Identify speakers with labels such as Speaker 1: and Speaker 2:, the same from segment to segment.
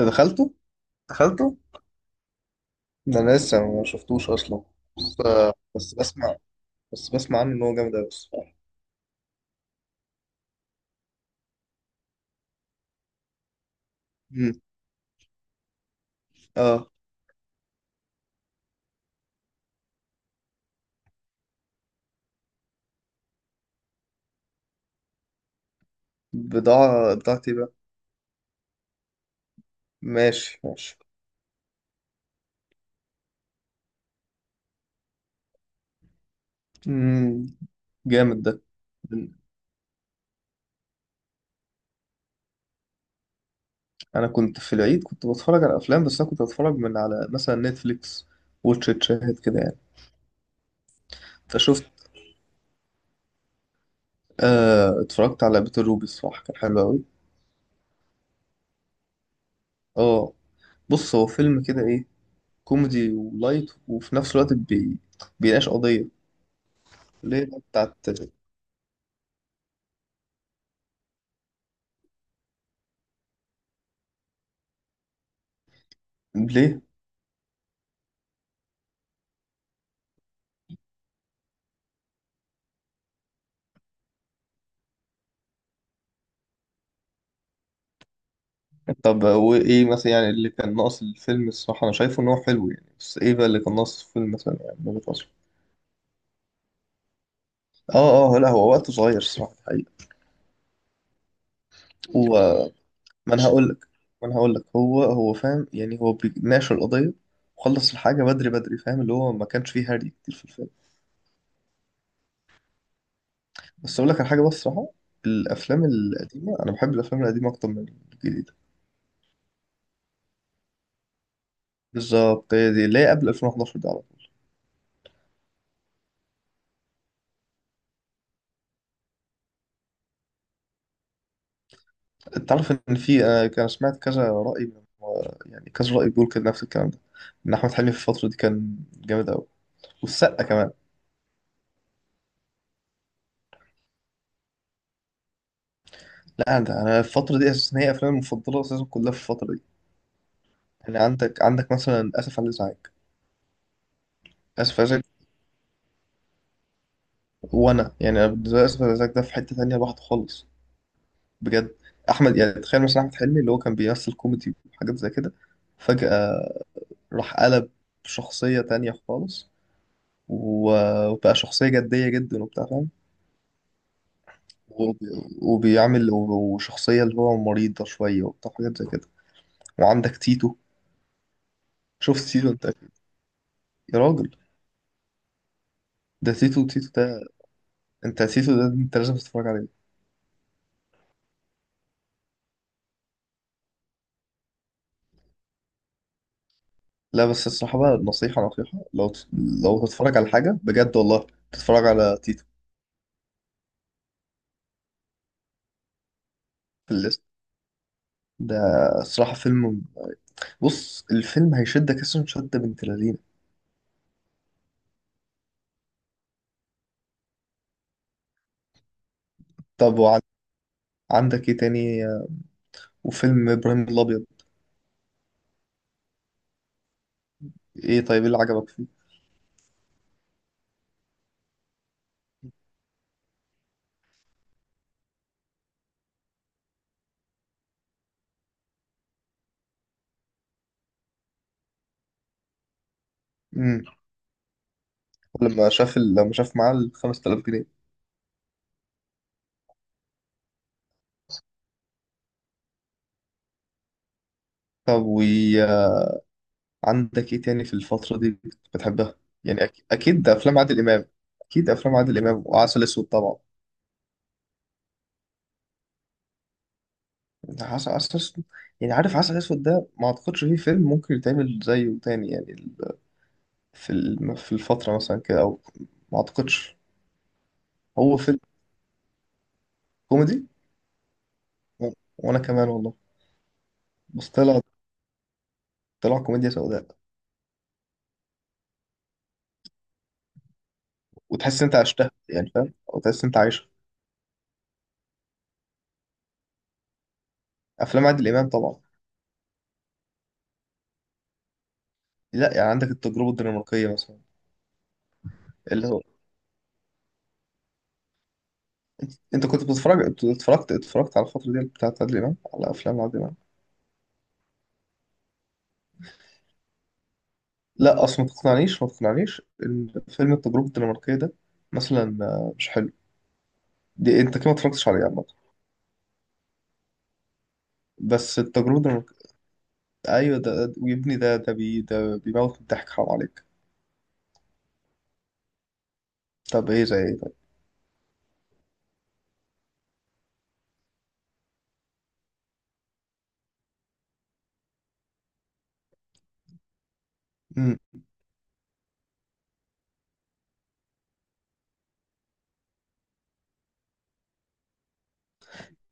Speaker 1: انت دخلته. دخلته ده انا لسه ما شفتوش اصلا. بس بس بسمع بس بسمع عنه ان هو جامد قوي الصراحه. امم اه بضاعه بتاعتي بقى. ماشي ماشي. امم جامد ده. انا كنت في العيد كنت بتفرج على افلام، بس انا كنت بتفرج من على مثلا نتفليكس، واتش إت، شاهد كده يعني. فشفت آه اتفرجت على بيت الروبي، الصراحه كان حلو قوي. اه. بص، هو فيلم كده ايه؟ كوميدي ولايت وفي نفس الوقت بيناقش قضيه اللي هي بتاعت. ليه؟ طب وإيه مثلا يعني اللي كان ناقص الفيلم؟ الصراحة أنا شايفه إن هو حلو يعني، بس إيه بقى اللي كان ناقص الفيلم مثلا يعني من وجهة نظري؟ آه آه، لا هو وقته صغير الصراحة الحقيقة. هو ما أنا هقول لك ما أنا هقول لك، هو فاهم يعني، هو بيناقش القضية وخلص الحاجة بدري بدري فاهم، اللي هو ما كانش فيه هري كتير في الفيلم. بس أقول لك على حاجة بس الصراحة، الأفلام القديمة أنا بحب الأفلام القديمة أكتر من الجديدة. بالظبط، هي دي اللي هي قبل 2011 دي. تعرف ان في انا كان سمعت كذا راي من آه، يعني كذا راي بيقول كده نفس الكلام ده، ان احمد حلمي في الفتره دي كان جامد قوي، والسقا كمان. لا ده انا الفتره دي اساسا هي افلامي المفضله اساسا كلها في الفتره دي. يعني عندك مثلا اسف على الازعاج. اسف على الازعاج، وانا يعني انا بالنسبه لي اسف على الازعاج ده في حته تانية لوحده خالص، بجد. احمد يعني تخيل مثلا احمد حلمي اللي هو كان بيمثل كوميدي وحاجات زي كده، فجاه راح قلب شخصيه تانية خالص. وبقى شخصيه جديه جدا وبتاع فاهم. وشخصية اللي هو مريضة شوية وبتاع حاجات زي كده. وعندك تيتو. شفت تيتو انت؟ يا راجل، ده تيتو تيتو ده انت تيتو ده انت لازم تتفرج عليه. لا بس الصراحة بقى، نصيحة نصيحة، لو تتفرج على حاجة بجد والله، تتفرج على تيتو في الليست ده. الصراحة فيلم، بص الفيلم هيشدك، اسم شد بنت لذينة. طب وعندك ايه تاني؟ وفيلم ابراهيم الابيض. ايه طيب، ايه اللي عجبك فيه؟ امم لما شاف معاه ال 5000 جنيه. طب عندك ايه تاني في الفترة دي بتحبها؟ يعني اكيد افلام عادل امام. اكيد افلام عادل امام وعسل اسود طبعا. عسل اسود يعني، عارف عسل اسود ده ما اعتقدش فيه فيلم ممكن يتعمل زيه تاني يعني في الفترة مثلا كده او، ما اعتقدش. هو فيلم كوميدي، و... وانا كمان والله، بس طلع طلع كوميديا سوداء. وتحس إن انت عشتها يعني فاهم، او تحس إن انت عايشها. افلام عادل امام طبعا. لا يعني عندك التجربة الدنماركية مثلا، اللي هو. انت كنت بتتفرج، اتفرجت على الفترة دي بتاعت عادل امام، على افلام عادل امام؟ لا اصل، ما تقنعنيش ان فيلم التجربة الدنماركية ده مثلا مش حلو. دي انت كده ما اتفرجتش عليه عامة. بس التجربة الدنماركية، ايوه ده ده- ويبني ده ده بي ده بيموت من الضحك حرام عليك. طب ايه زي ايه طيب؟ مم.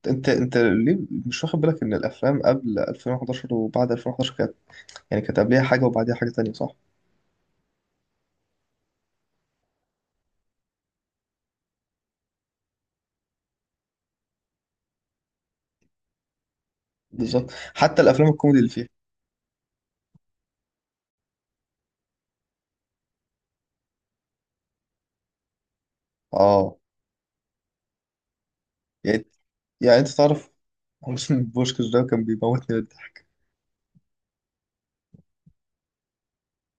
Speaker 1: انت ليه مش واخد بالك ان الافلام قبل 2011 وبعد 2011 كانت، يعني كانت قبليها حاجة وبعديها حاجة تانية، صح؟ بالظبط. حتى الافلام الكوميدي اللي فيها. اه. يعني يعني انت تعرف حسين بوشكش ده كان بيموتني بالضحك.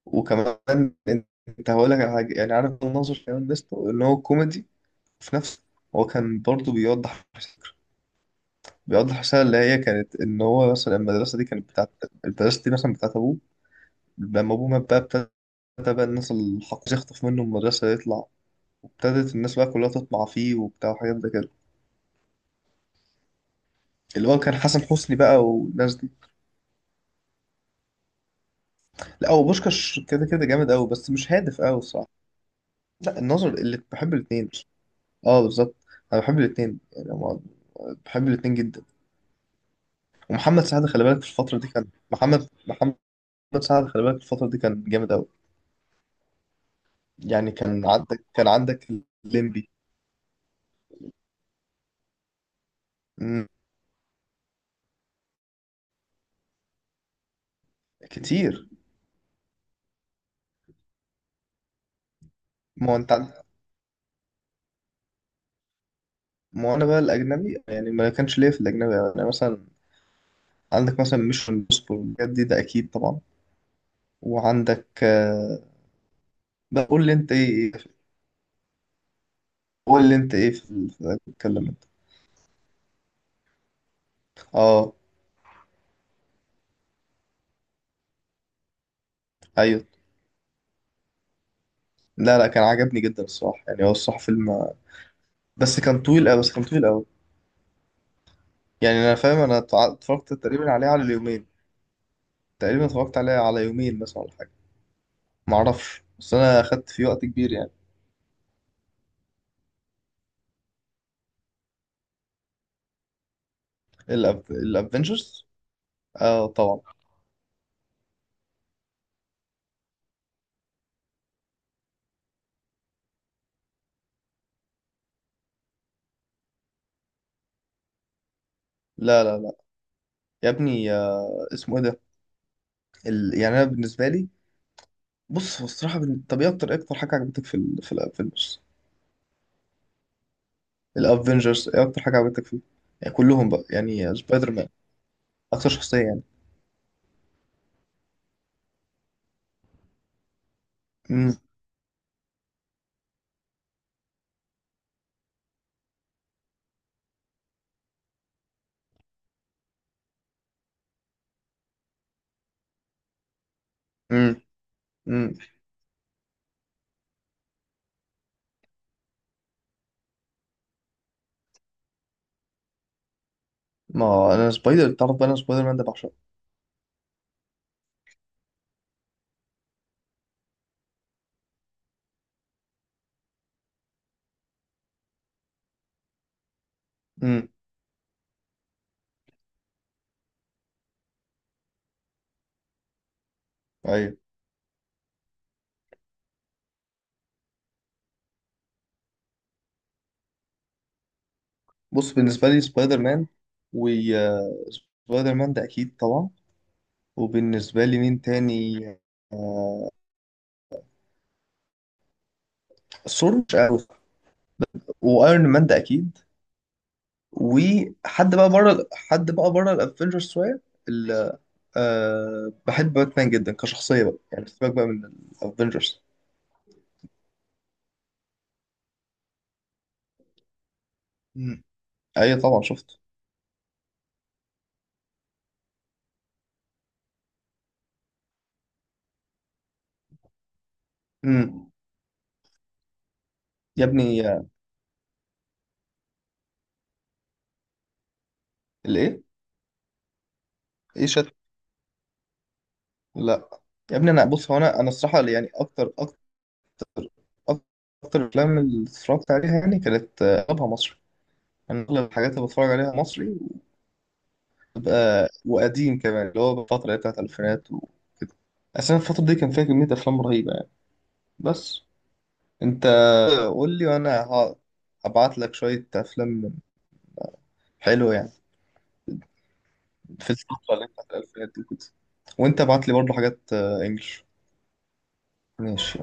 Speaker 1: وكمان انت هقول لك على حاجه، يعني عارف الناظر كمان ميزته ان هو كوميدي في نفسه، هو كان برضه بيوضح فكره، بيوضح رساله اللي هي كانت ان هو مثلا المدرسه دي كانت بتاعت، المدرسه دي مثلا بتاعت ابوه، لما ابوه مات بقى ابتدى بقى الناس الحق يخطف منه المدرسه يطلع، وابتدت الناس بقى كلها تطمع فيه وبتاع وحاجات ده كده. اللي هو كان حسن حسني بقى والناس دي. لا هو بوشكاش كده كده جامد قوي بس مش هادف قوي. لا النظر، اللي بحب الاثنين. اه بالظبط، انا بحب الاثنين يعني. أنا بحب الاثنين جدا. ومحمد سعد خلي بالك في الفتره دي كان، محمد سعد خلي بالك في الفتره دي كان جامد قوي. يعني كان عندك الليمبي. مم، كتير. ما هو انت عن- ما هو انا بقى الاجنبي يعني ما كانش ليا في الاجنبي، يعني مثلا عندك مثلا ميشن امبوسيبل الحاجات دي ده اكيد طبعا. وعندك بقول لي انت ايه قول لي انت ايه بتتكلم انت. اه. ايوه. لا لا، كان عجبني جدا الصراحة يعني، هو الصراحة فيلم بس كان طويل أوي، بس كان طويل أوي. يعني أنا فاهم، اتفرجت تقريبا عليه على اليومين، تقريبا اتفرجت عليه على يومين مثلا ولا حاجة، معرفش بس أنا أخدت فيه وقت كبير يعني. الأفنجرز؟ آه طبعا. لا لا لا، يا ابني آه، اسمه إيه ده يعني أنا بالنسبة لي، بص هو الصراحة طب إيه أكتر، إيه أكتر حاجة عجبتك في الأفنجرز؟ الأفنجرز إيه أكتر حاجة عجبتك فيه؟ يعني كلهم بقى، يعني سبايدر مان. أكتر شخصية يعني. امم. ما هو انا سبايدر، تعرف بقى انا سبايدر مان ده بعشقه. امم. ايوه. بص بالنسبه لي سبايدر مان، و آه، سبايدر مان ده اكيد طبعا. وبالنسبه لي مين تاني؟ آه... ثور، مش عارف. وايرون مان ده اكيد. وحد بقى بره حد بقى بره الافنجرز شويه ال- بحب باتمان جدا كشخصيه بقى، يعني سيبك بقى من الافنجرز. مم. ايوه طبعا شفت. امم. يا ابني الايه؟ ايه شت لا يا ابني انا، بص هو انا الصراحه يعني اكتر، اكتر الافلام اللي اتفرجت عليها يعني كانت اغلبها مصري. انا اغلب الحاجات اللي بتفرج عليها مصري. وبتبقى وقديم كمان، اللي هو الفتره اللي هي بتاعت الالفينات وكده، اصلا الفتره دي كان فيها كميه افلام رهيبه يعني. بس انت قول لي هبعت لك شويه افلام حلوه يعني، في الفتره اللي هي بتاعت الالفينات دي كده. وانت ابعت لي برضه حاجات انجلش. ماشي.